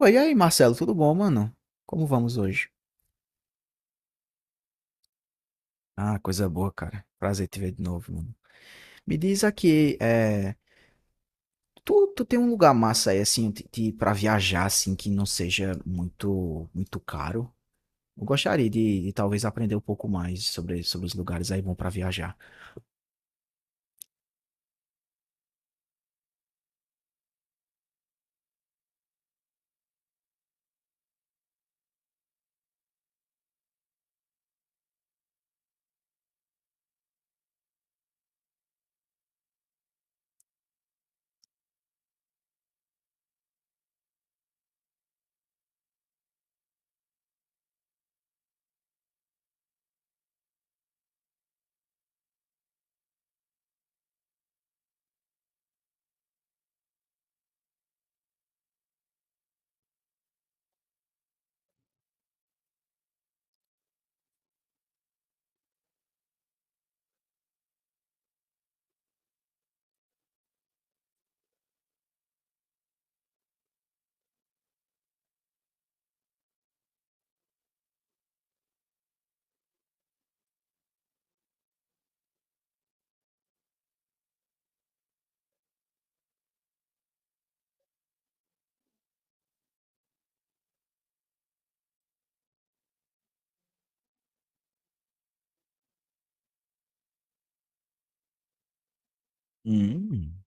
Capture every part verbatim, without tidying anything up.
Oi, e aí, Marcelo, tudo bom, mano? Como vamos hoje? Ah, coisa boa, cara. Prazer te ver de novo, mano. Me diz aqui, é, tu, tu tem um lugar massa aí, assim, de, de- pra viajar, assim, que não seja muito, muito caro? Eu gostaria de, de talvez aprender um pouco mais sobre, sobre os lugares aí bom pra viajar. Hum.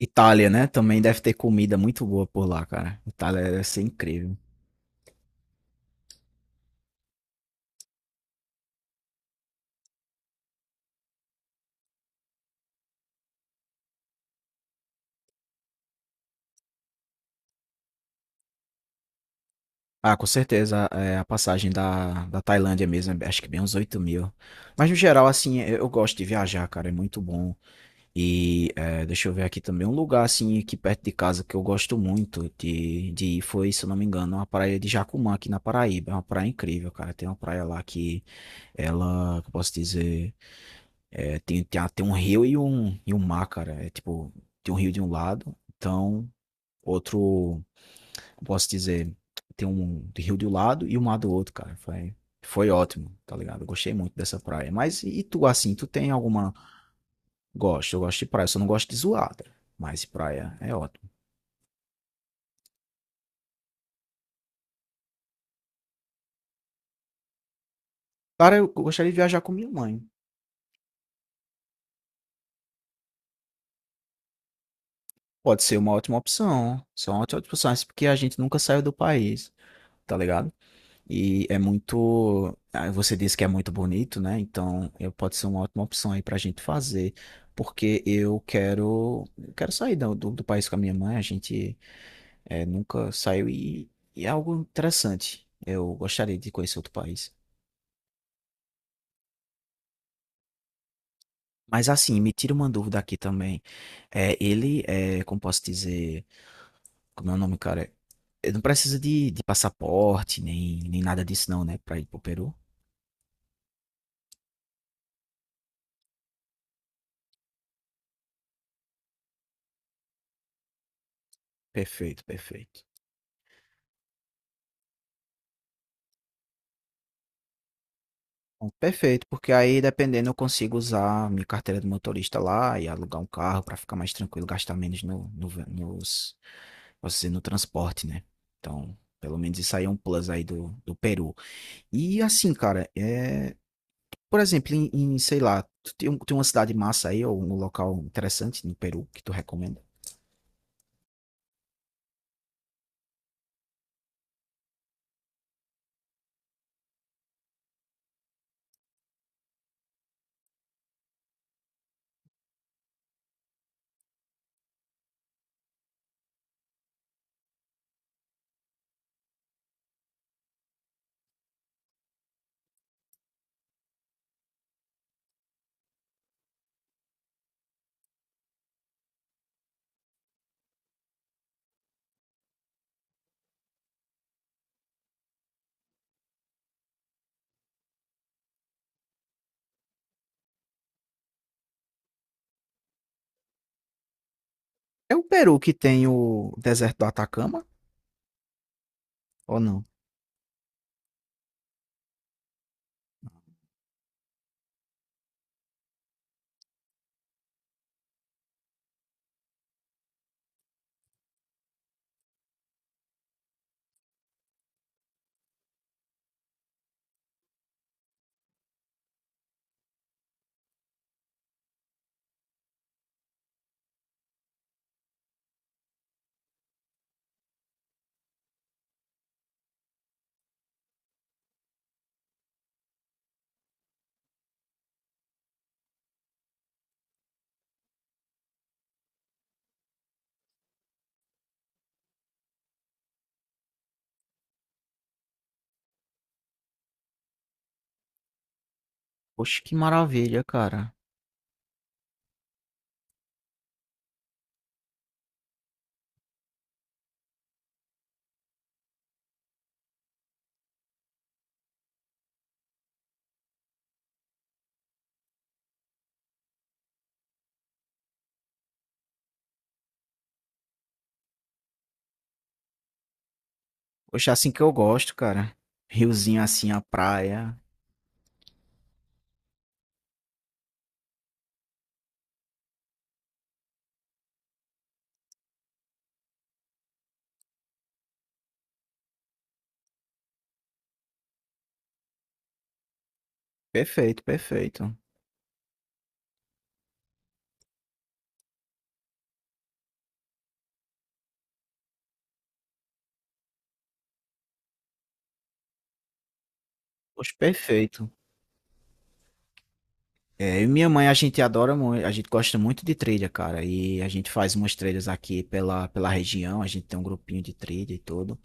Itália, né? Também deve ter comida muito boa por lá, cara. Itália deve ser incrível. Ah, com certeza, é, a passagem da, da Tailândia mesmo, é, acho que bem uns oito mil. Mas no geral, assim, eu eu gosto de viajar, cara, é muito bom. E é, deixa eu ver aqui também, um lugar, assim, aqui perto de casa que eu gosto muito de, de ir foi, se eu não me engano, uma praia de Jacumã, aqui na Paraíba. É uma praia incrível, cara. Tem uma praia lá que ela, que eu posso dizer, é, tem, tem, a- tem um rio e um, e um mar, cara. É tipo, tem um rio de um lado, então outro eu posso dizer, tem um de rio de um lado e o mar do outro, cara. Foi, foi ótimo, tá ligado? Eu gostei muito dessa praia. Mas e tu, assim, tu tem alguma. Gosto, eu gosto de praia, eu só não gosto de zoar, cara. Mas praia é ótimo. Cara, eu gostaria de viajar com minha mãe. Pode ser uma ótima opção. Só uma ótima opção, mas porque a gente nunca saiu do país, tá ligado? E é muito. Ah, você disse que é muito bonito, né? Então, eu- pode ser uma ótima opção aí pra gente fazer. Porque eu quero. Eu quero sair do, do, do país com a minha mãe. A gente é, nunca saiu e, e é algo interessante. Eu gostaria de conhecer outro país. Mas assim, me tira uma dúvida aqui também. É, ele é, como posso dizer, como é o nome, cara? Ele não precisa de, de passaporte, nem, nem nada disso não, né? Pra ir pro Peru. Perfeito, perfeito. Bom, perfeito, porque aí dependendo eu consigo usar minha carteira de motorista lá e alugar um carro para ficar mais tranquilo, gastar menos no, no, nos, posso dizer, no transporte, né? Então, pelo menos isso aí é um plus aí do, do Peru. E assim, cara, é... por exemplo, em, em, sei lá, tu tem, um- tem uma cidade massa aí, ou um local interessante no Peru que tu recomenda? É o Peru que tem o deserto do Atacama, ou não? Poxa, que maravilha, cara. Poxa, é assim que eu gosto, cara. Riozinho assim, a praia. Perfeito, perfeito. Poxa, perfeito. É, eu e minha mãe, a gente adora muito, a gente gosta muito de trilha, cara. E a gente faz umas trilhas aqui pela, pela região, a gente tem um grupinho de trilha e tudo.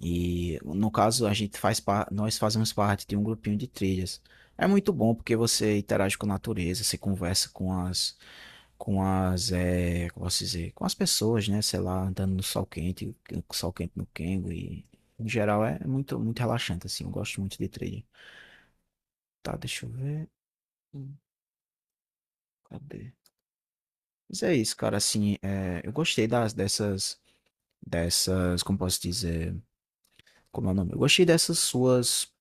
E no caso, a gente faz par... nós fazemos parte de um grupinho de trilhas. É muito bom porque você interage com a natureza, você conversa com as, com as, é, como posso dizer, com as pessoas, né? Sei lá, andando no sol quente, com sol quente no Kengo e em geral é muito, muito relaxante assim. Eu gosto muito de trilha. Tá, deixa eu ver. Hum, Cadê? Mas é isso, cara. Assim, é, eu gostei das dessas, dessas, como posso dizer, como é o nome? Eu gostei dessas suas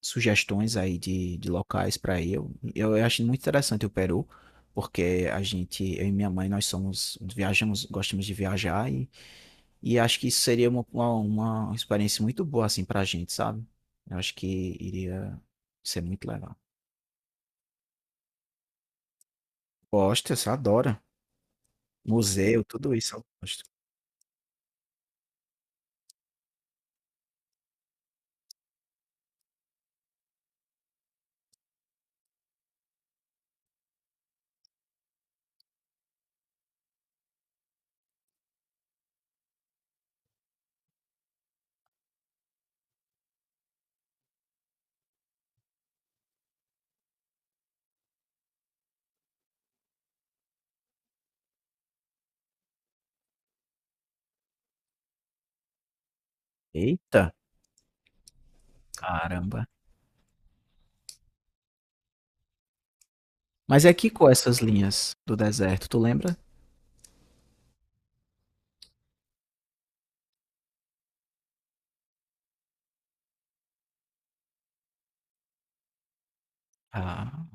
sugestões aí de, de locais para ir. Eu, eu acho muito interessante o Peru, porque a gente, eu e minha mãe, nós somos, viajamos, gostamos de viajar e, e acho que isso seria uma, uma, uma experiência muito boa assim para a gente, sabe? Eu acho que iria ser muito legal. Gosta, você adora. Museu, tudo isso eu gosto. Eita, caramba. Mas é que com essas linhas do deserto, tu lembra? Ah.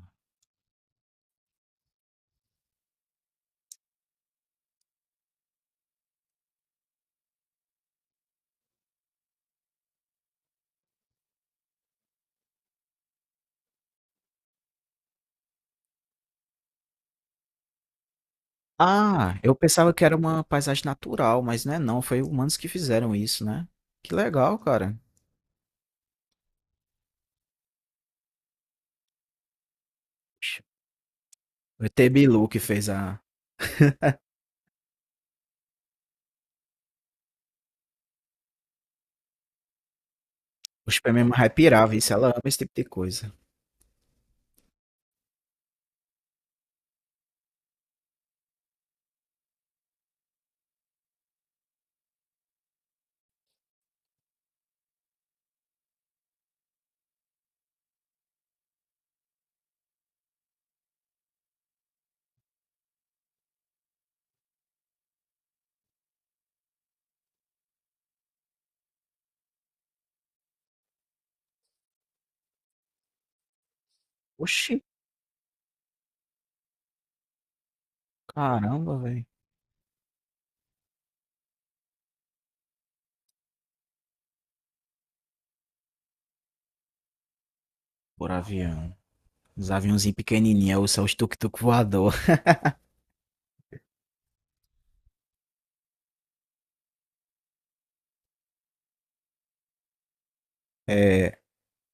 Ah, eu pensava que era uma paisagem natural, mas não é não, foi humanos que fizeram isso, né? Que legal, cara. Oxe, o E T Bilu que fez a... Os prêmios vai pirar, viu? Se ela ama esse tipo de coisa. Oxi, caramba, velho. Por avião. Os aviãozinhos pequenininhos, ou só os tuk-tuk voador. É,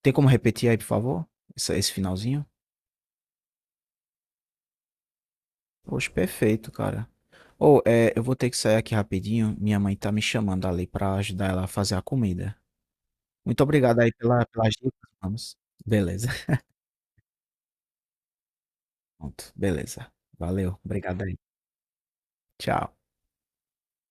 tem como repetir aí, por favor? Esse, esse finalzinho? Poxa, perfeito, cara. Ou, é, eu vou ter que sair aqui rapidinho. Minha mãe tá me chamando ali pra ajudar ela a fazer a comida. Muito obrigado aí pela, pelas dicas, vamos. Beleza. Pronto, beleza. Valeu, obrigado aí. Tchau.